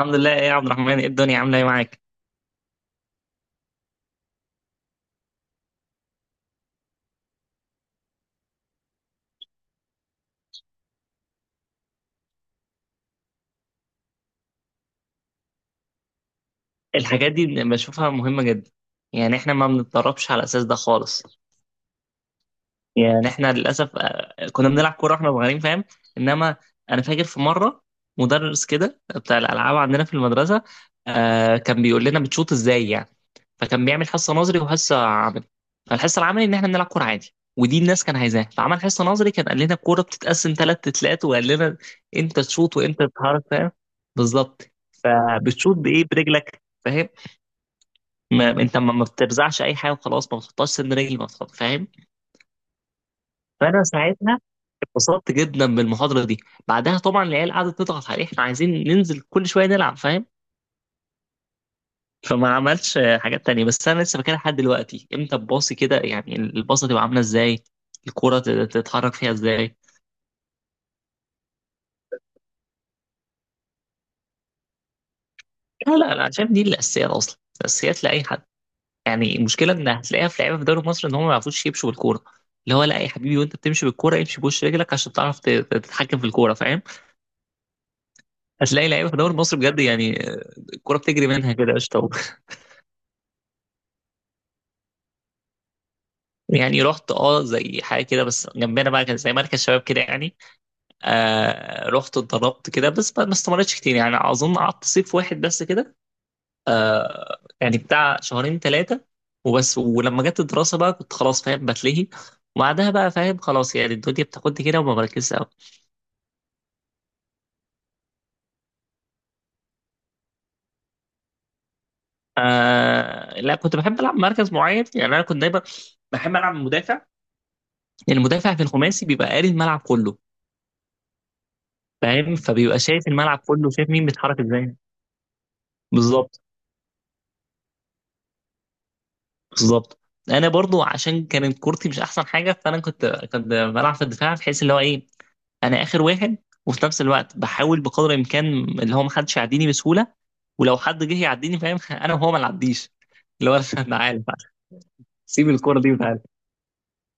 الحمد لله. ايه يا عبد الرحمن، ايه الدنيا، عامله ايه معاك؟ الحاجات دي بشوفها مهمه جدا. يعني احنا ما بنتدربش على الاساس ده خالص. يعني احنا للاسف كنا بنلعب كوره واحنا صغيرين فاهم. انما انا فاكر في مره مدرس كده بتاع الالعاب عندنا في المدرسه كان بيقول لنا بتشوط ازاي يعني. فكان بيعمل حصه نظري وحصه عملي. فالحصه العملي ان احنا بنلعب كوره عادي ودي الناس كان عايزاها، فعمل حصه نظري كان قال لنا الكوره بتتقسم ثلاث تتلات، وقال لنا انت تشوط وانت تتحرك فاهم. بالظبط. فبتشوط بايه؟ برجلك فاهم. ما انت ما بترزعش اي حاجه وخلاص، ما بتحطهاش سن رجل، ما بتحط فاهم. فانا ساعتها اتبسطت جدا بالمحاضره دي. بعدها طبعا العيال قعدت تضغط عليه احنا عايزين ننزل كل شويه نلعب فاهم. فما عملش حاجات تانية، بس انا لسه فاكرها لحد دلوقتي، امتى الباص كده يعني، الباصه تبقى عامله ازاي، الكرة تتحرك فيها ازاي. لا لا لا، شايف دي الاساسيات اصلا، الاساسيات لاي حد. يعني المشكله ان هتلاقيها في لعيبه في دوري مصر ان هم ما يعرفوش يمشوا بالكوره. اللي هو لا يا حبيبي، وانت بتمشي بالكوره امشي بوش رجلك عشان تعرف تتحكم في الكوره فاهم. هتلاقي لعيبه في دوري مصر بجد يعني الكوره بتجري منها كده قشطه. يعني رحت اه زي حاجه كده، بس جنبنا بقى كان زي مركز شباب كده يعني. آه رحت اتدربت كده بس ما استمرتش كتير، يعني اظن قعدت صيف واحد بس كده، يعني بتاع شهرين ثلاثه وبس. ولما جت الدراسه بقى كنت خلاص فاهم بتلهي، وبعدها بقى فاهم خلاص يعني الدنيا بتاخدني كده وما بركزش قوي. آه لا، كنت بحب العب مركز معين. يعني انا كنت دايما بحب العب مدافع. المدافع في الخماسي بيبقى قاري الملعب كله فاهم. فبيبقى شايف الملعب كله، شايف مين بيتحرك ازاي. بالظبط. بالظبط. انا برضو عشان كانت كورتي مش احسن حاجه، فانا كنت بلعب في الدفاع، بحيث اللي هو ايه، انا اخر واحد، وفي نفس الوقت بحاول بقدر الامكان اللي هو ما حدش يعديني بسهوله. ولو حد جه يعديني فاهم، انا وهو ما نعديش، اللي هو انا عارف، سيب الكوره دي وتعالى.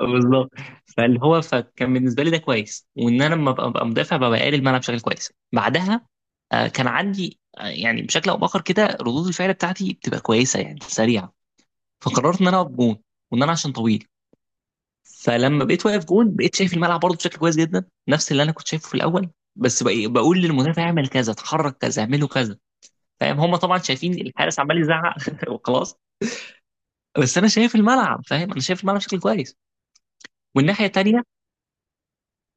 بالظبط. فاللي هو فكان بالنسبه لي ده كويس، وان انا لما ببقى مدافع ببقى قاري الملعب بشكل كويس. بعدها كان عندي يعني بشكل او باخر كده ردود الفعل بتاعتي بتبقى كويسه، يعني سريعه. فقررت ان انا اقف جون، وان انا عشان طويل. فلما بقيت واقف جون بقيت شايف الملعب برضه بشكل كويس جدا، نفس اللي انا كنت شايفه في الاول. بس بقى بقول للمدافع اعمل كذا، اتحرك كذا، اعمله كذا فاهم. هم طبعا شايفين الحارس عمال يزعق وخلاص. بس انا شايف الملعب فاهم، انا شايف الملعب بشكل كويس، والناحيه التانيه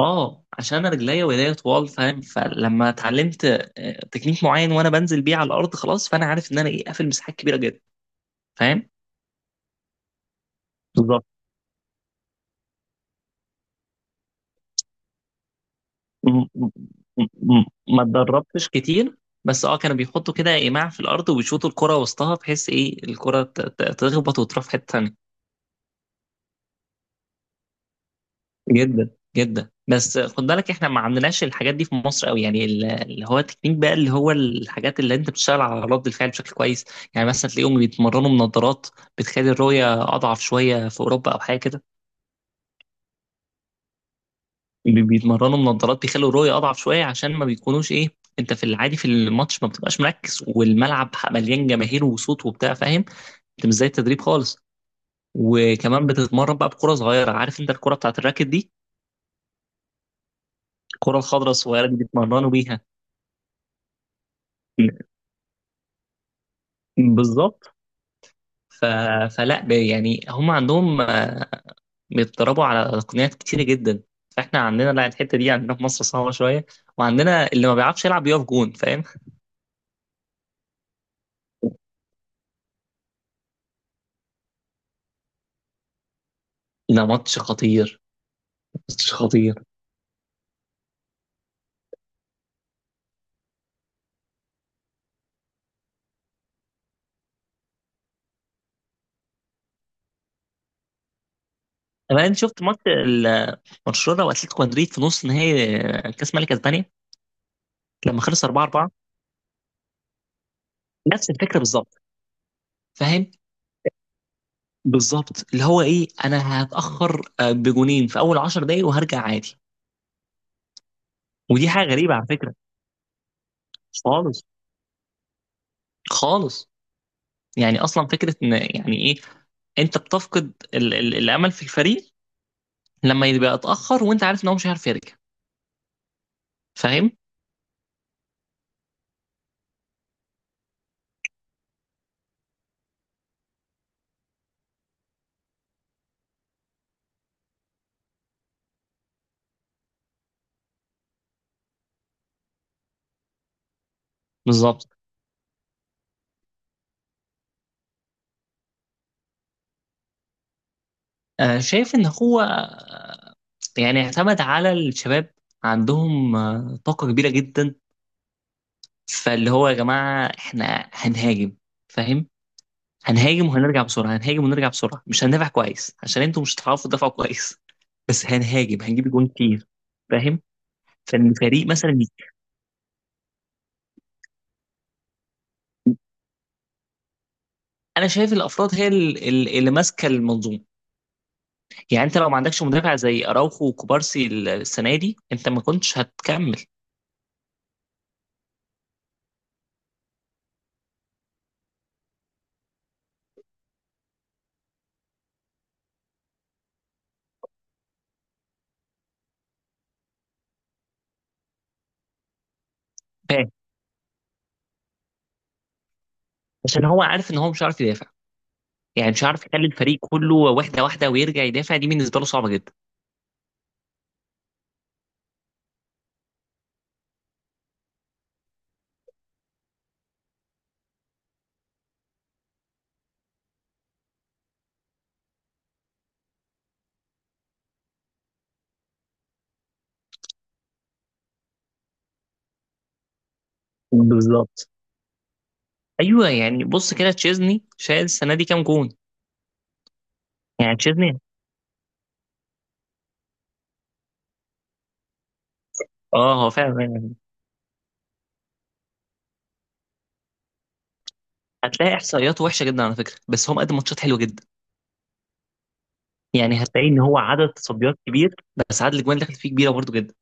اه عشان انا رجليا وايديا طوال فاهم. فلما اتعلمت تكنيك معين وانا بنزل بيه على الارض خلاص، فانا عارف ان انا ايه، قافل مساحات كبيره جدا فاهم. بالظبط. م- م- ما اتدربتش كتير، بس اه كانوا بيحطوا كده ايماع في الارض وبيشوطوا الكرة وسطها بحيث ايه الكرة تخبط وتروح في حتة تانية. جدا جدا. بس خد بالك احنا ما عندناش الحاجات دي في مصر قوي، يعني اللي هو التكنيك بقى، اللي هو الحاجات اللي انت بتشتغل على رد الفعل بشكل كويس. يعني مثلا تلاقيهم بيتمرنوا بنظارات بتخلي الرؤية اضعف شوية في اوروبا او حاجة كده. بيتمرنوا بنظارات بيخلوا الرؤية أضعف شوية، عشان ما بيكونوش إيه، أنت في العادي في الماتش ما بتبقاش مركز، والملعب مليان جماهير وصوت وبتاع فاهم. أنت مش زي التدريب خالص. وكمان بتتمرن بقى بكرة صغيرة، عارف أنت الكرة بتاعت الراكت دي، الكرة الخضراء الصغيرة دي بيتمرنوا بيها. بالظبط. ف... يعني هم عندهم بيتدربوا على تقنيات كتيرة جدا. فاحنا عندنا لا، الحتة دي عندنا في مصر صعبة شوية، وعندنا اللي ما بيعرفش يلعب بيقف جون فاهم. ده ماتش خطير. ماتش خطير. طب انت شفت ماتش برشلونه واتلتيكو مدريد في نص نهائي كاس ملك اسبانيا، لما خلص 4 4؟ نفس الفكره بالظبط فاهم. بالظبط، اللي هو ايه، انا هتاخر بجونين في اول 10 دقايق وهرجع عادي. ودي حاجه غريبه على فكره. خالص. خالص. يعني اصلا فكره ان يعني ايه انت بتفقد ال ال الامل في الفريق لما يبقى اتاخر، وانت عارف ان هو مش هيعرف يرجع فاهم. بالظبط. شايف ان هو يعني اعتمد على الشباب. عندهم طاقه كبيره جدا. فاللي هو يا جماعة احنا هنهاجم فاهم. هنهاجم وهنرجع بسرعة، هنهاجم ونرجع بسرعة، مش هندافع كويس عشان انتوا مش هتعرفوا تدافعوا كويس، بس هنهاجم هنجيب جون كتير فاهم. فان الفريق مثلا، انا شايف الافراد هي اللي ماسكه المنظومه. يعني انت لو ما عندكش مدافع زي اراوخو وكوبارسي السنه دي انت ما كنتش هتكمل فاهم. عشان هو عارف ان هو مش عارف يدافع. يعني مش عارف يخلي الفريق كله واحده واحده ويرجع يدافع، دي بالنسبه له صعبه جدا. بالظبط. ايوه، يعني بص كده تشيزني شايل السنه دي كام جون. يعني تشيزني اه هو فعلا يعني هتلاقي احصائياته وحشه جدا على فكره، بس هو مقدم ماتشات حلوه جدا. يعني هتلاقي ان هو عدد تصديات كبير، بس عدد الاجوان اللي دخلت فيه كبيره برضه جدا.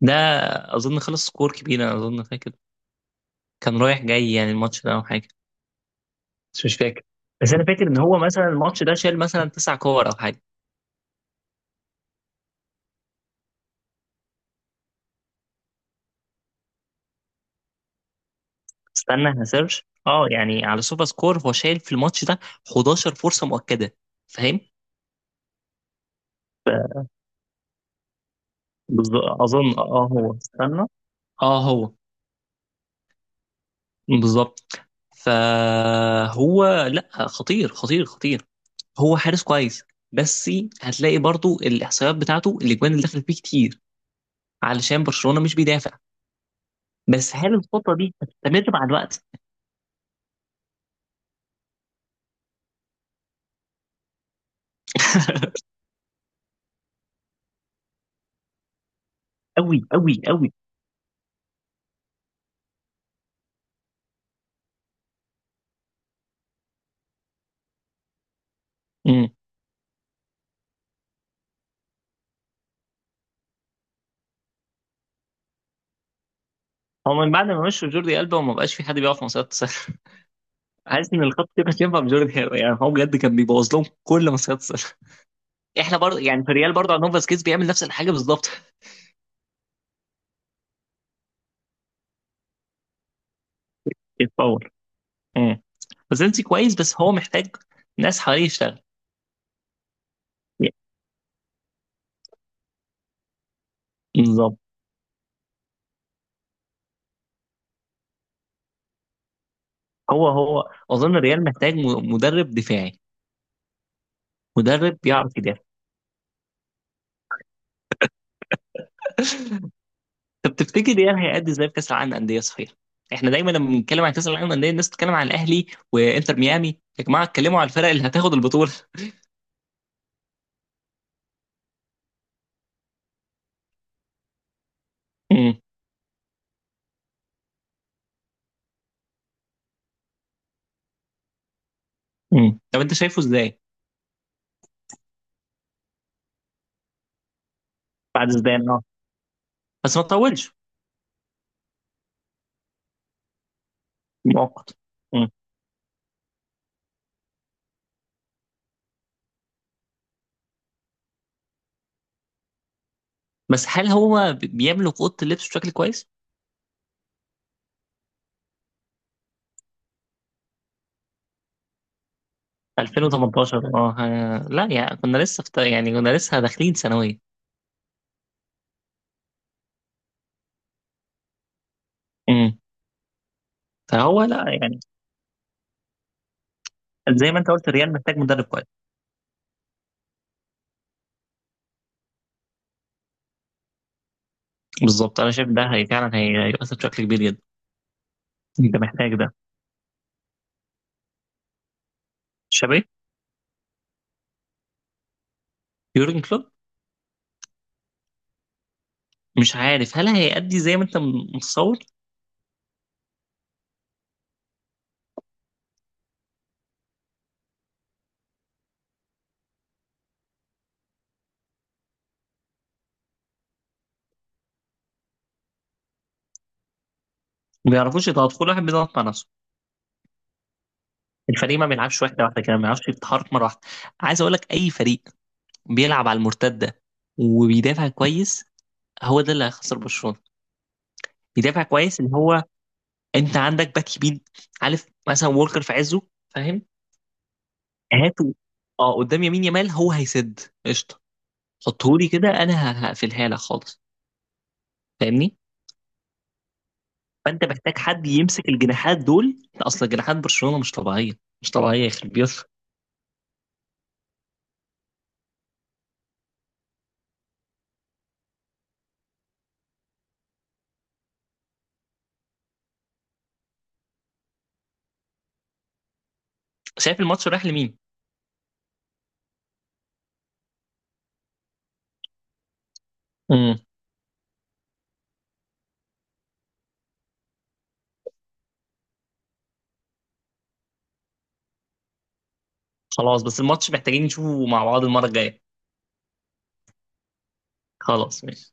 ده اظن خلص سكور كبير، انا اظن فاكر كان رايح جاي يعني الماتش ده او حاجه، بس مش فاكر. بس انا فاكر ان هو مثلا الماتش ده شال مثلا تسع كور او حاجه. استنى هسيرش. اه يعني على سوبر سكور هو شايل في الماتش ده 11 فرصه مؤكده فاهم. بالظبط اظن اه هو، استنى اه هو بالظبط. فهو لا خطير خطير خطير. هو حارس كويس، بس هتلاقي برضو الاحصائيات بتاعته الاجوان اللي دخلت فيه كتير، علشان برشلونة مش بيدافع. بس هل الخطة دي هتستمر مع الوقت؟ قوي قوي قوي. امم، هو من بعد ما مشوا جوردي ألبا وما بقاش في حد بيقف مصيدة السله. حاسس ان الخطة دي كانت ينفع بجوردي ألبا، يعني هو بجد كان بيبوظ لهم كل مصيدة السله. احنا برضه يعني في الريال برضه عندهم فاسكيز بيعمل نفس الحاجة بالظبط. يتطور. فازيلسي كويس، بس هو محتاج ناس حواليه يشتغل. بالظبط. هو اظن الريال محتاج مدرب دفاعي. مدرب بيعرف يدافع. طب تفتكر الريال هيأدي ازاي في كاس العالم للانديه صحيح؟ احنا دايما لما بنتكلم عن كاس العالم للانديه الناس بتتكلم عن الاهلي وانتر ميامي يا جماعه، اتكلموا على الفرق اللي هتاخد البطوله. امم. امم. طب انت شايفه ازاي؟ بعد زيدان اه، بس ما تطولش. مؤقت. امم. بس هل هو بيملك اوضه اللبس بشكل كويس؟ 2018 اه، لا يعني كنا لسه في، يعني كنا لسه داخلين ثانويه. امم. فهو لا يعني زي ما انت قلت الريال محتاج مدرب كويس. بالظبط، انا شايف ده هي فعلا هيؤثر بشكل كبير جدا. انت محتاج ده. شابي. يورجن كلوب. مش عارف هل هيأدي زي ما انت متصور. ما بيعرفوش يضغط، كل واحد بيضغط مع نفسه. الفريق ما بيلعبش واحده واحده كده، ما بيعرفش يتحرك مره واحده. عايز اقول لك اي فريق بيلعب على المرتده وبيدافع كويس، هو ده اللي هيخسر برشلونه. بيدافع كويس، اللي هو انت عندك باك يمين، عارف مثلا وولكر في عزه فاهم، هاته. اه قدام يمين يامال هو هيسد، قشطه. حطهولي كده، انا هقفلها لك خالص فاهمني. فانت محتاج حد يمسك الجناحات دول، اصل جناحات برشلونه مش طبيعيه. مش طبيعيه يخرب بيوت. شايف الماتش رايح لمين؟ امم. خلاص، بس الماتش محتاجين نشوفه مع بعض المره الجايه. خلاص، ماشي.